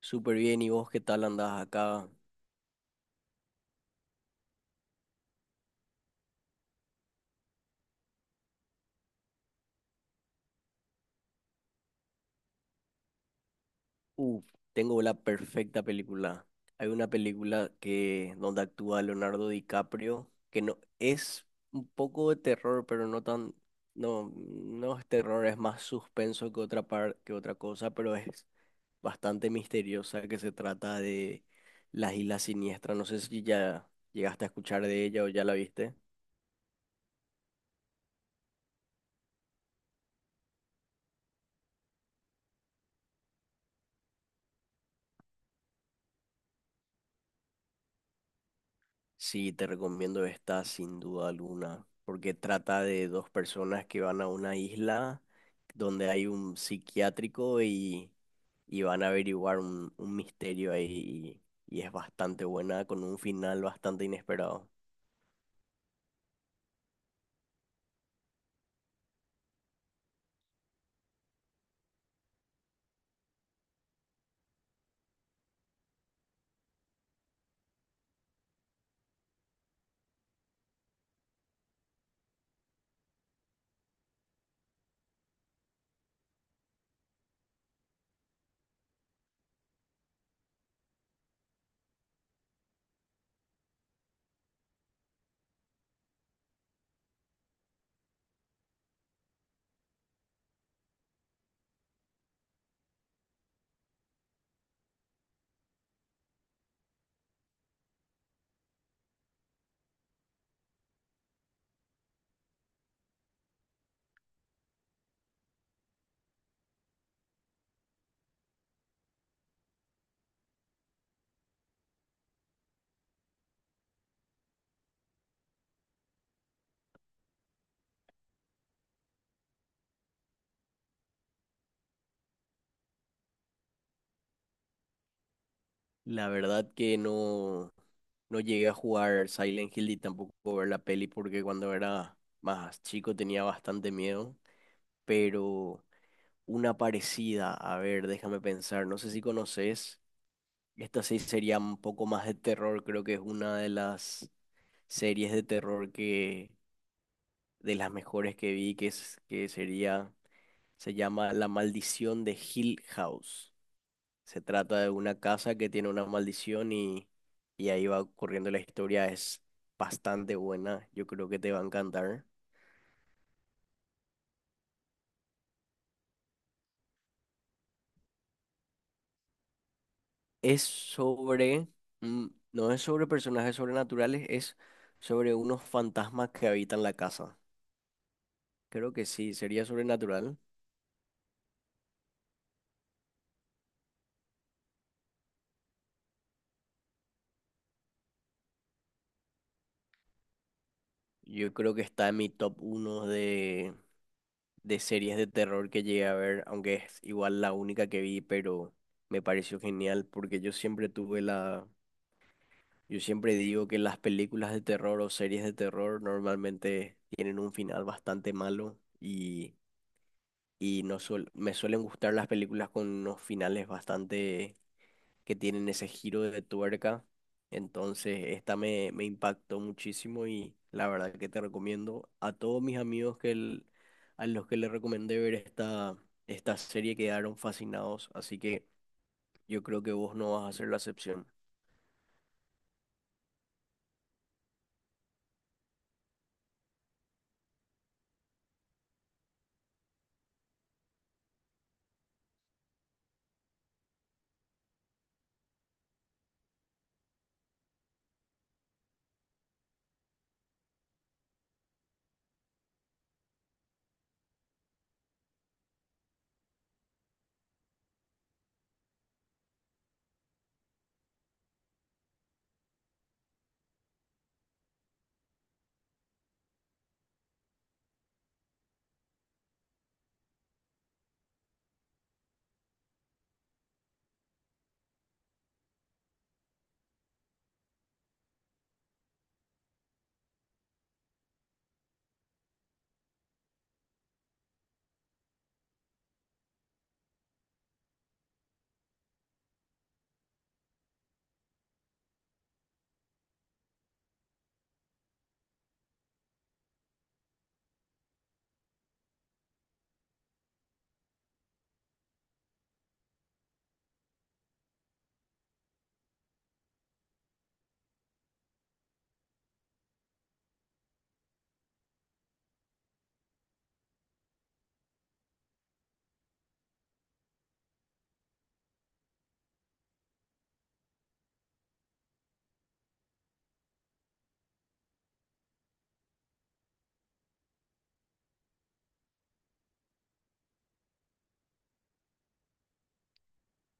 Súper bien, ¿y vos qué tal andás acá? Uh, Tengo la perfecta película. Hay una película que donde actúa Leonardo DiCaprio, que no es un poco de terror, pero no tan, no, no es terror, es más suspenso que que otra cosa, pero es bastante misteriosa, que se trata de las Islas Siniestras. No sé si ya llegaste a escuchar de ella o ya la viste. Sí, te recomiendo esta sin duda alguna, porque trata de dos personas que van a una isla donde hay un psiquiátrico y van a averiguar un misterio ahí y es bastante buena con un final bastante inesperado. La verdad que no, no llegué a jugar Silent Hill y tampoco ver la peli porque cuando era más chico tenía bastante miedo, pero una parecida, a ver, déjame pensar, no sé si conoces. Esta sí sería un poco más de terror, creo que es una de las series de terror que de las mejores que vi, que es que sería se llama La Maldición de Hill House. Se trata de una casa que tiene una maldición y ahí va corriendo la historia, es bastante buena, yo creo que te va a encantar. Es sobre mm, no es sobre personajes sobrenaturales, es sobre unos fantasmas que habitan la casa. Creo que sí, sería sobrenatural. Yo creo que está en mi top uno de series de terror que llegué a ver, aunque es igual la única que vi, pero me pareció genial porque yo siempre tuve la... Yo siempre digo que las películas de terror o series de terror normalmente tienen un final bastante malo y no suel- me suelen gustar las películas con unos finales bastante que tienen ese giro de tuerca. Entonces, me impactó muchísimo y la verdad que te recomiendo a todos mis amigos a los que les recomendé ver esta, esta serie quedaron fascinados, así que yo creo que vos no vas a ser la excepción.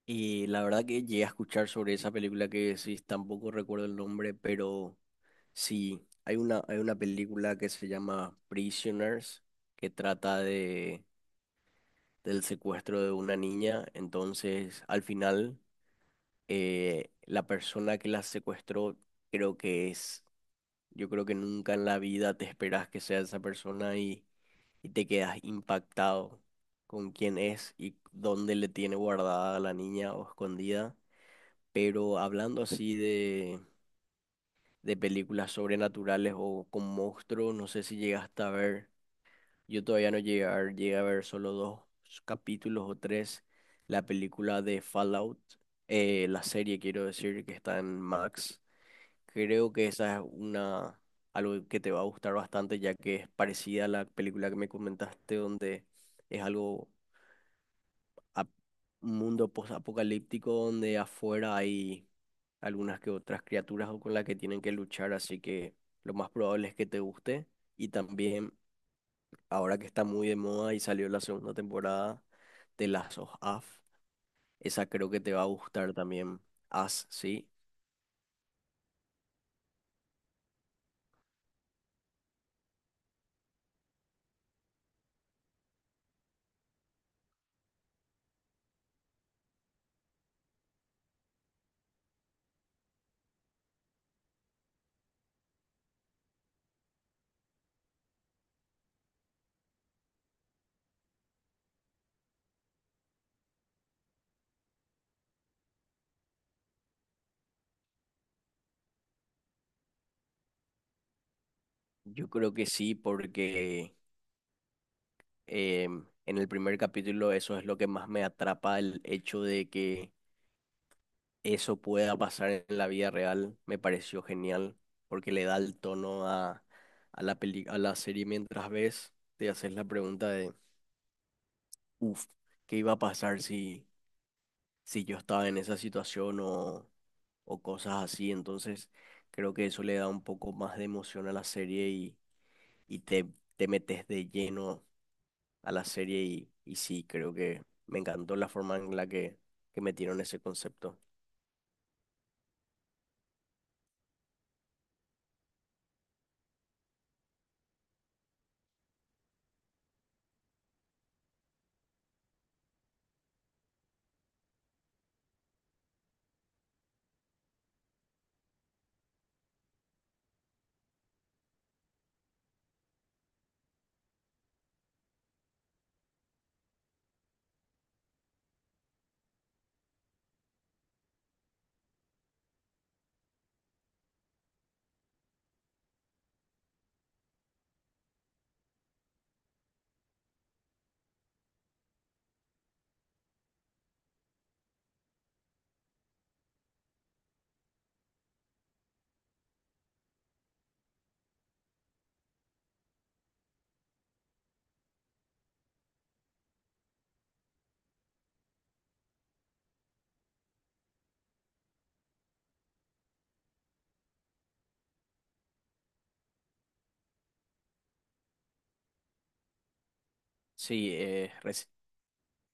Y la verdad que llegué a escuchar sobre esa película que decís, tampoco recuerdo el nombre, pero sí, hay una película que se llama Prisoners, que trata de del secuestro de una niña. Entonces, al final, la persona que la secuestró, creo que es, yo creo que nunca en la vida te esperas que sea esa persona y te quedas impactado con quién es y dónde le tiene guardada a la niña o escondida. Pero hablando así de películas sobrenaturales o con monstruos, no sé si llegaste a ver. Yo todavía no llegué a ver, llegué a ver solo dos capítulos o tres. La película de Fallout, la serie quiero decir que está en Max. Creo que esa es una algo que te va a gustar bastante ya que es parecida a la película que me comentaste donde es algo ap- un mundo post-apocalíptico donde afuera hay algunas que otras criaturas con las que tienen que luchar, así que lo más probable es que te guste. Y también ahora que está muy de moda y salió la segunda temporada de Last of Us, esa creo que te va a gustar también. As, ¿sí? Yo creo que sí, porque en el primer capítulo eso es lo que más me atrapa, el hecho de que eso pueda pasar en la vida real, me pareció genial, porque le da el tono a la peli, a la serie mientras ves, te haces la pregunta de, uff, ¿qué iba a pasar si yo estaba en esa situación o cosas así? Entonces, creo que eso le da un poco más de emoción a la serie y te, te metes de lleno a la serie y sí, creo que me encantó la forma en la que metieron ese concepto. Sí,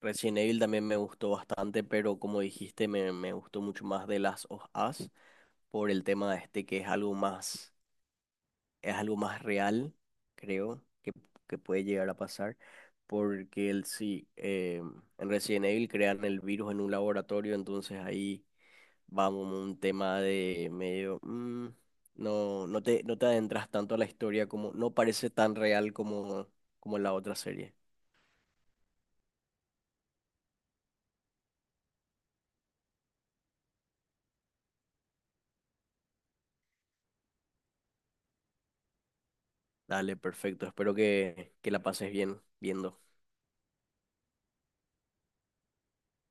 Resident Evil también me gustó bastante, pero como dijiste, me gustó mucho más de las of Us por el tema este que es algo más real, creo, que puede llegar a pasar, porque el, sí, en Resident Evil crean el virus en un laboratorio, entonces ahí vamos a un tema de medio, no, no te adentras tanto a la historia como, no parece tan real como, como en la otra serie. Dale, perfecto, espero que la pases bien viendo.